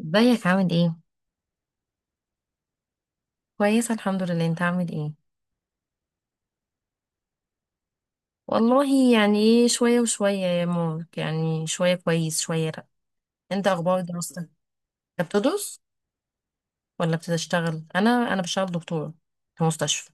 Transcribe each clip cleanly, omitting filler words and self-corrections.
ازيك عامل ايه؟ كويسة الحمد لله. انت عامل ايه؟ والله يعني ايه، شوية وشوية يا مارك، يعني شوية كويس شوية لأ. انت اخبار دراستك؟ انت بتدرس ولا بتشتغل؟ انا بشتغل دكتورة في مستشفى.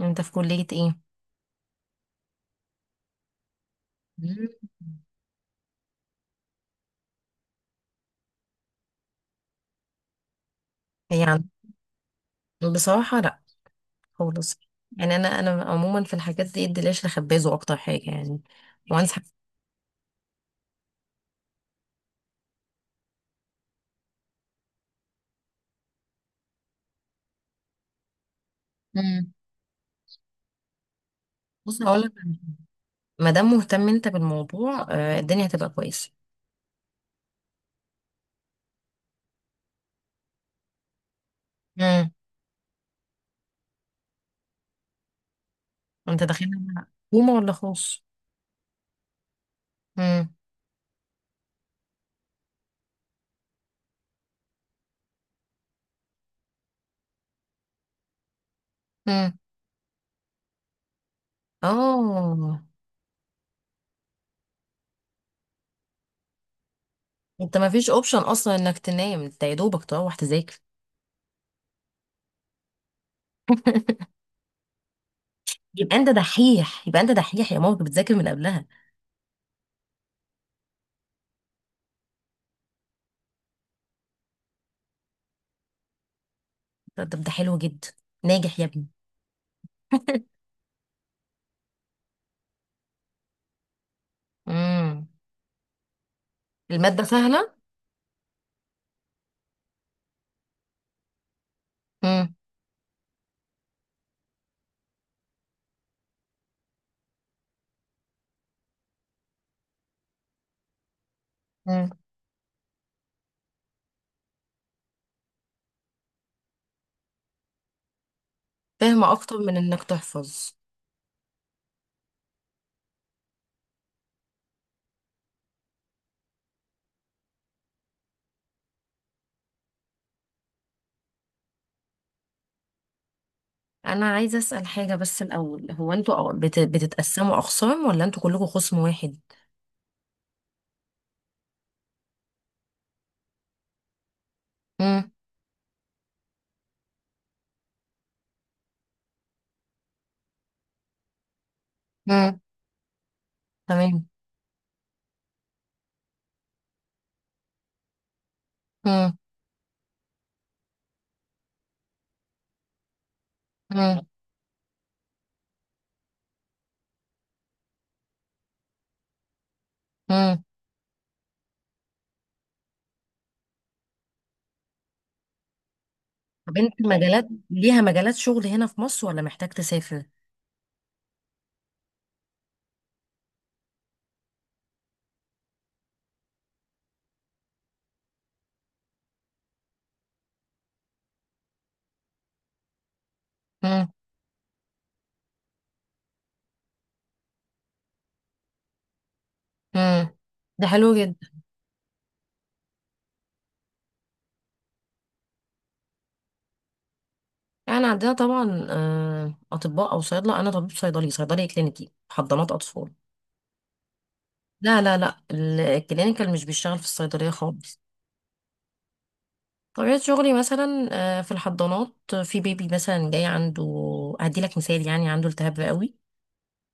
انت في كلية ايه؟ مم. يعني بصراحة لأ خالص. يعني انا عموما في الحاجات دي الدلاش لخبازه اكتر حاجة يعني، وانصح. مم. بص هقولك، ما دام مهتم انت بالموضوع الدنيا هتبقى كويسة. مم. انت داخلها حكومة ولا خاص؟ امم، امم، اه، انت ما فيش اوبشن اصلا انك تنام، انت يا دوبك تروح تذاكر. يبقى انت دحيح، يبقى انت دحيح يا ماما، كنت بتذاكر من قبلها. طب ده حلو جدا. ناجح يا ابني. امم. المادة سهلة. امم. امم. فاهمة، أكتر من إنك تحفظ. أنا عايزة أسأل حاجة بس الأول، هو أنتوا بتتقسموا أقسام ولا أنتوا كلكم خصم واحد؟ امم. امم. تمام. امم. طب انت مجالات شغل هنا في مصر ولا محتاج تسافر؟ امم. امم. ده حلو جدا. يعني عندنا طبعا اطباء او صيادله. انا طبيب صيدلي كلينيكي، حضانات اطفال. لا لا لا، الكلينيكال مش بيشتغل في الصيدليه خالص. طبيعه شغلي مثلا في الحضانات، في بيبي مثلا جاي عنده. هدي لك مثال، يعني عنده التهاب رئوي.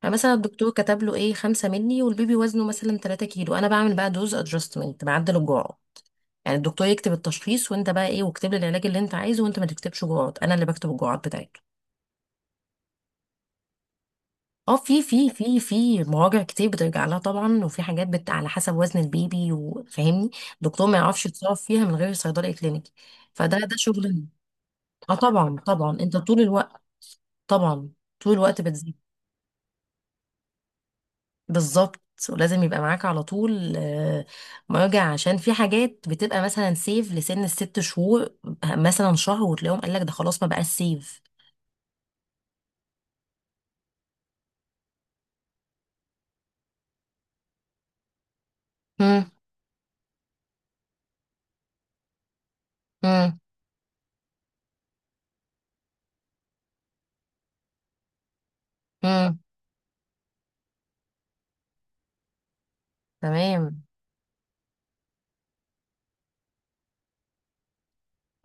فمثلا الدكتور كتب له 5 ملي، والبيبي وزنه مثلا 3 كيلو. انا بعمل بقى دوز ادجستمنت، بعدل الجرعه. يعني الدكتور يكتب التشخيص وانت بقى واكتب لي العلاج اللي انت عايزه، وانت ما تكتبش جرعات، انا اللي بكتب الجرعات بتاعته. اه، في مراجع كتير بترجع لها طبعا، وفي حاجات على حسب وزن البيبي، وفاهمني. الدكتور ما يعرفش يتصرف فيها من غير صيدلي كلينيكي. فده شغل. اه طبعا، طبعا انت طول الوقت، طبعا طول الوقت بتزيد. بالظبط. ولازم يبقى معاك على طول مراجع، عشان في حاجات بتبقى مثلا سيف لسن الست شهور، مثلا شهر وتلاقيهم قال لك ده خلاص ما بقاش سيف. مم. امم. تمام.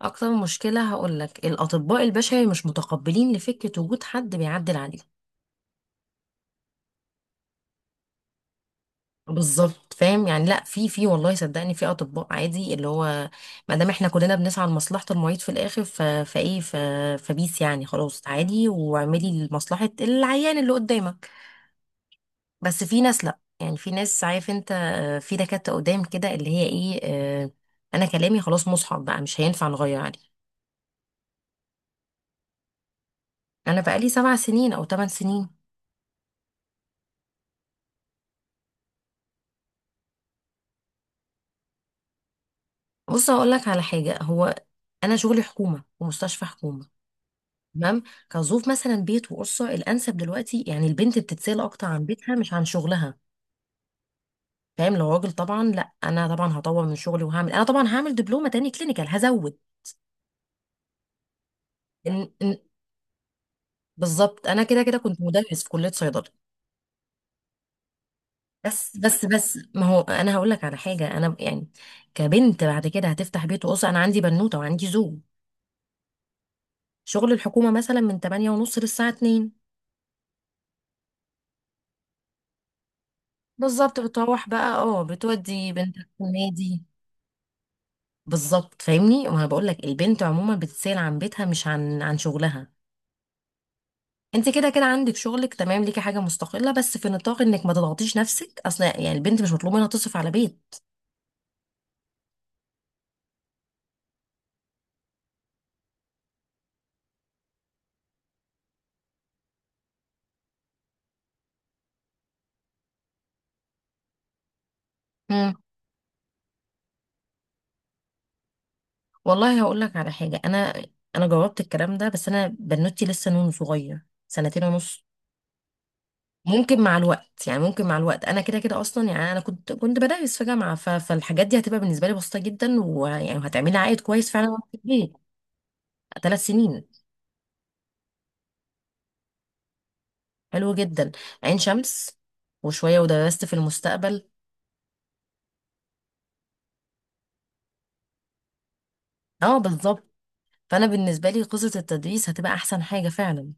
اكتر مشكله هقول لك، الاطباء البشري مش متقبلين لفكره وجود حد بيعدل عليهم. بالظبط، فاهم يعني. لا، في والله صدقني، في اطباء عادي، اللي هو ما دام احنا كلنا بنسعى لمصلحه المريض في الاخر، فبيس يعني خلاص عادي، واعملي لمصلحه العيان اللي قدامك. بس في ناس لا، يعني في ناس، عارف انت في دكاتره قدام كده اللي هي ايه آه، انا كلامي خلاص مصحف بقى، مش هينفع نغير عليه. انا بقالي 7 سنين او 8 سنين. بص هقول لك على حاجه، هو انا شغلي حكومه ومستشفى حكومه. تمام. كظروف مثلا بيت وقرصه الانسب دلوقتي، يعني البنت بتتسال اكتر عن بيتها مش عن شغلها، فاهم؟ لو راجل طبعا لا، انا طبعا هطور من شغلي وهعمل، انا طبعا هعمل دبلومه تاني كلينيكال، هزود. إن... إن... بالظبط، انا كده كده كنت مدرس في كليه صيدله. بس ما هو انا هقول لك على حاجه، انا يعني كبنت بعد كده هتفتح بيت وقرصه، انا عندي بنوته وعندي زوج. شغل الحكومه مثلا من 8 ونص للساعه اتنين، بالظبط. بتروح بقى بتودي بنتك النادي. بالظبط فاهمني، وانا بقول لك البنت عموما بتسأل عن بيتها مش عن شغلها. انت كده كده عندك شغلك، تمام، ليكي حاجه مستقله، بس في نطاق انك ما تضغطيش نفسك، اصل يعني البنت مش مطلوب منها تصرف على بيت. مم. والله هقول لك على حاجه، انا جربت الكلام ده، بس انا بنوتي لسه نون صغير، سنتين ونص. ممكن مع الوقت، يعني ممكن مع الوقت انا كده كده اصلا، يعني انا كنت بدرس في جامعه، فالحاجات دي هتبقى بالنسبه لي بسيطه جدا، ويعني وهتعملي عائد كويس فعلا وأنا في البيت. 3 سنين. حلو جدا. عين شمس. وشويه ودرست في المستقبل. اه بالظبط. فانا بالنسبه لي قصه التدريس هتبقى احسن حاجه فعلا.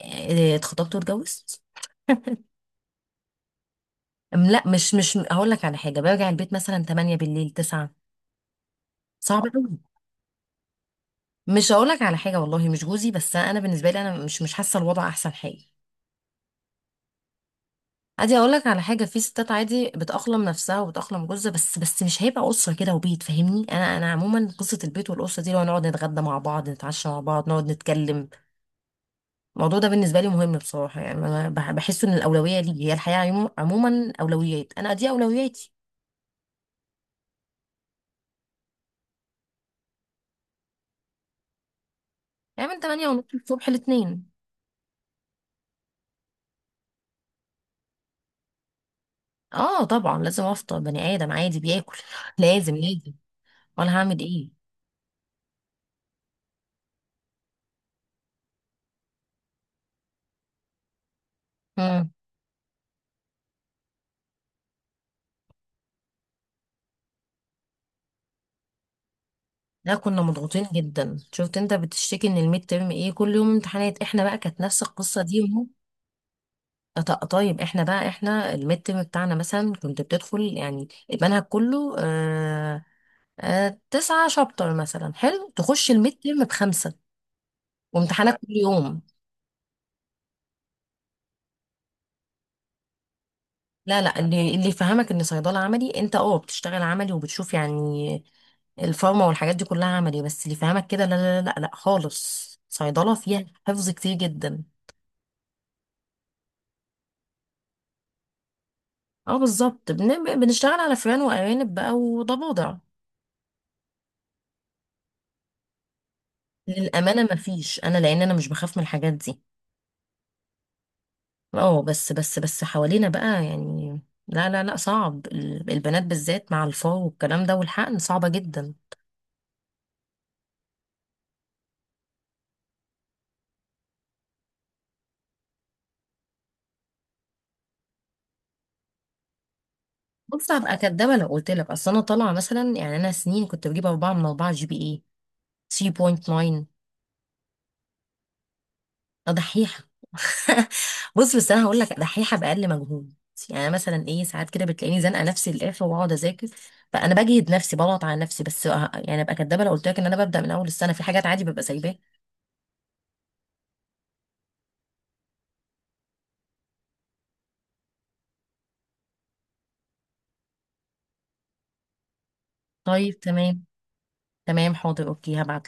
إيه، اتخطبت واتجوزت. لا، مش هقول لك على حاجه، برجع البيت مثلا 8 بالليل، 9. صعب قوي. مش هقول لك على حاجه، والله مش جوزي، بس انا بالنسبه لي انا مش حاسه الوضع احسن حاجه. عادي اقول لك على حاجه، في ستات عادي بتأقلم نفسها وبتأقلم جوزها، بس مش هيبقى اسره كده وبيت، فاهمني. انا عموما قصه البيت والاسره دي، لو نقعد نتغدى مع بعض، نتعشى مع بعض، نقعد نتكلم، الموضوع ده بالنسبه لي مهم بصراحه. يعني انا بحس ان الاولويه لي هي الحياه عموما، اولويات، انا دي اولوياتي. يعني من 8 ونص الصبح لاتنين. اه طبعا، لازم افطر، بني ادم عادي بياكل. لازم، لازم. ولا هعمل ايه. لا، كنا مضغوطين جدا. شفت انت بتشتكي ان الميد ترم كل يوم امتحانات، احنا بقى كانت نفس القصه دي. وهو طيب، احنا بقى، احنا الميد ترم بتاعنا مثلا كنت بتدخل يعني المنهج كله آه، تسعة شابتر مثلا، حلو، تخش الميد ترم بخمسة، وامتحانات يا كل يوم. لا لا، اللي يفهمك ان صيدله عملي، انت اه بتشتغل عملي وبتشوف يعني الفارما والحاجات دي كلها عملي. بس اللي يفهمك كده لا لا لا لا لا، خالص صيدله فيها حفظ كتير جدا. اه بالظبط. بنشتغل على فران وارانب بقى وضفادع. للامانه ما فيش، انا لان انا مش بخاف من الحاجات دي. اه. بس حوالينا بقى يعني، لا لا لا، صعب. البنات بالذات مع الفار والكلام ده والحقن صعبه جدا. بص هبقى كدابه لو قلت لك، اصل انا طالعه مثلا، يعني انا سنين كنت بجيب 4 من 4 جي بي اي، 3.9. دحيحة. بص، بس انا هقول لك دحيحة باقل مجهود. يعني أنا مثلا ساعات كده بتلاقيني زنقة نفسي للاخر واقعد اذاكر، فانا بجهد نفسي بضغط على نفسي، بس يعني ابقى كدابة لو قلت لك ان انا ببدأ من اول السنة، في حاجات عادي ببقى سايباها. طيب، تمام. تمام، حاضر، اوكي، هبعت.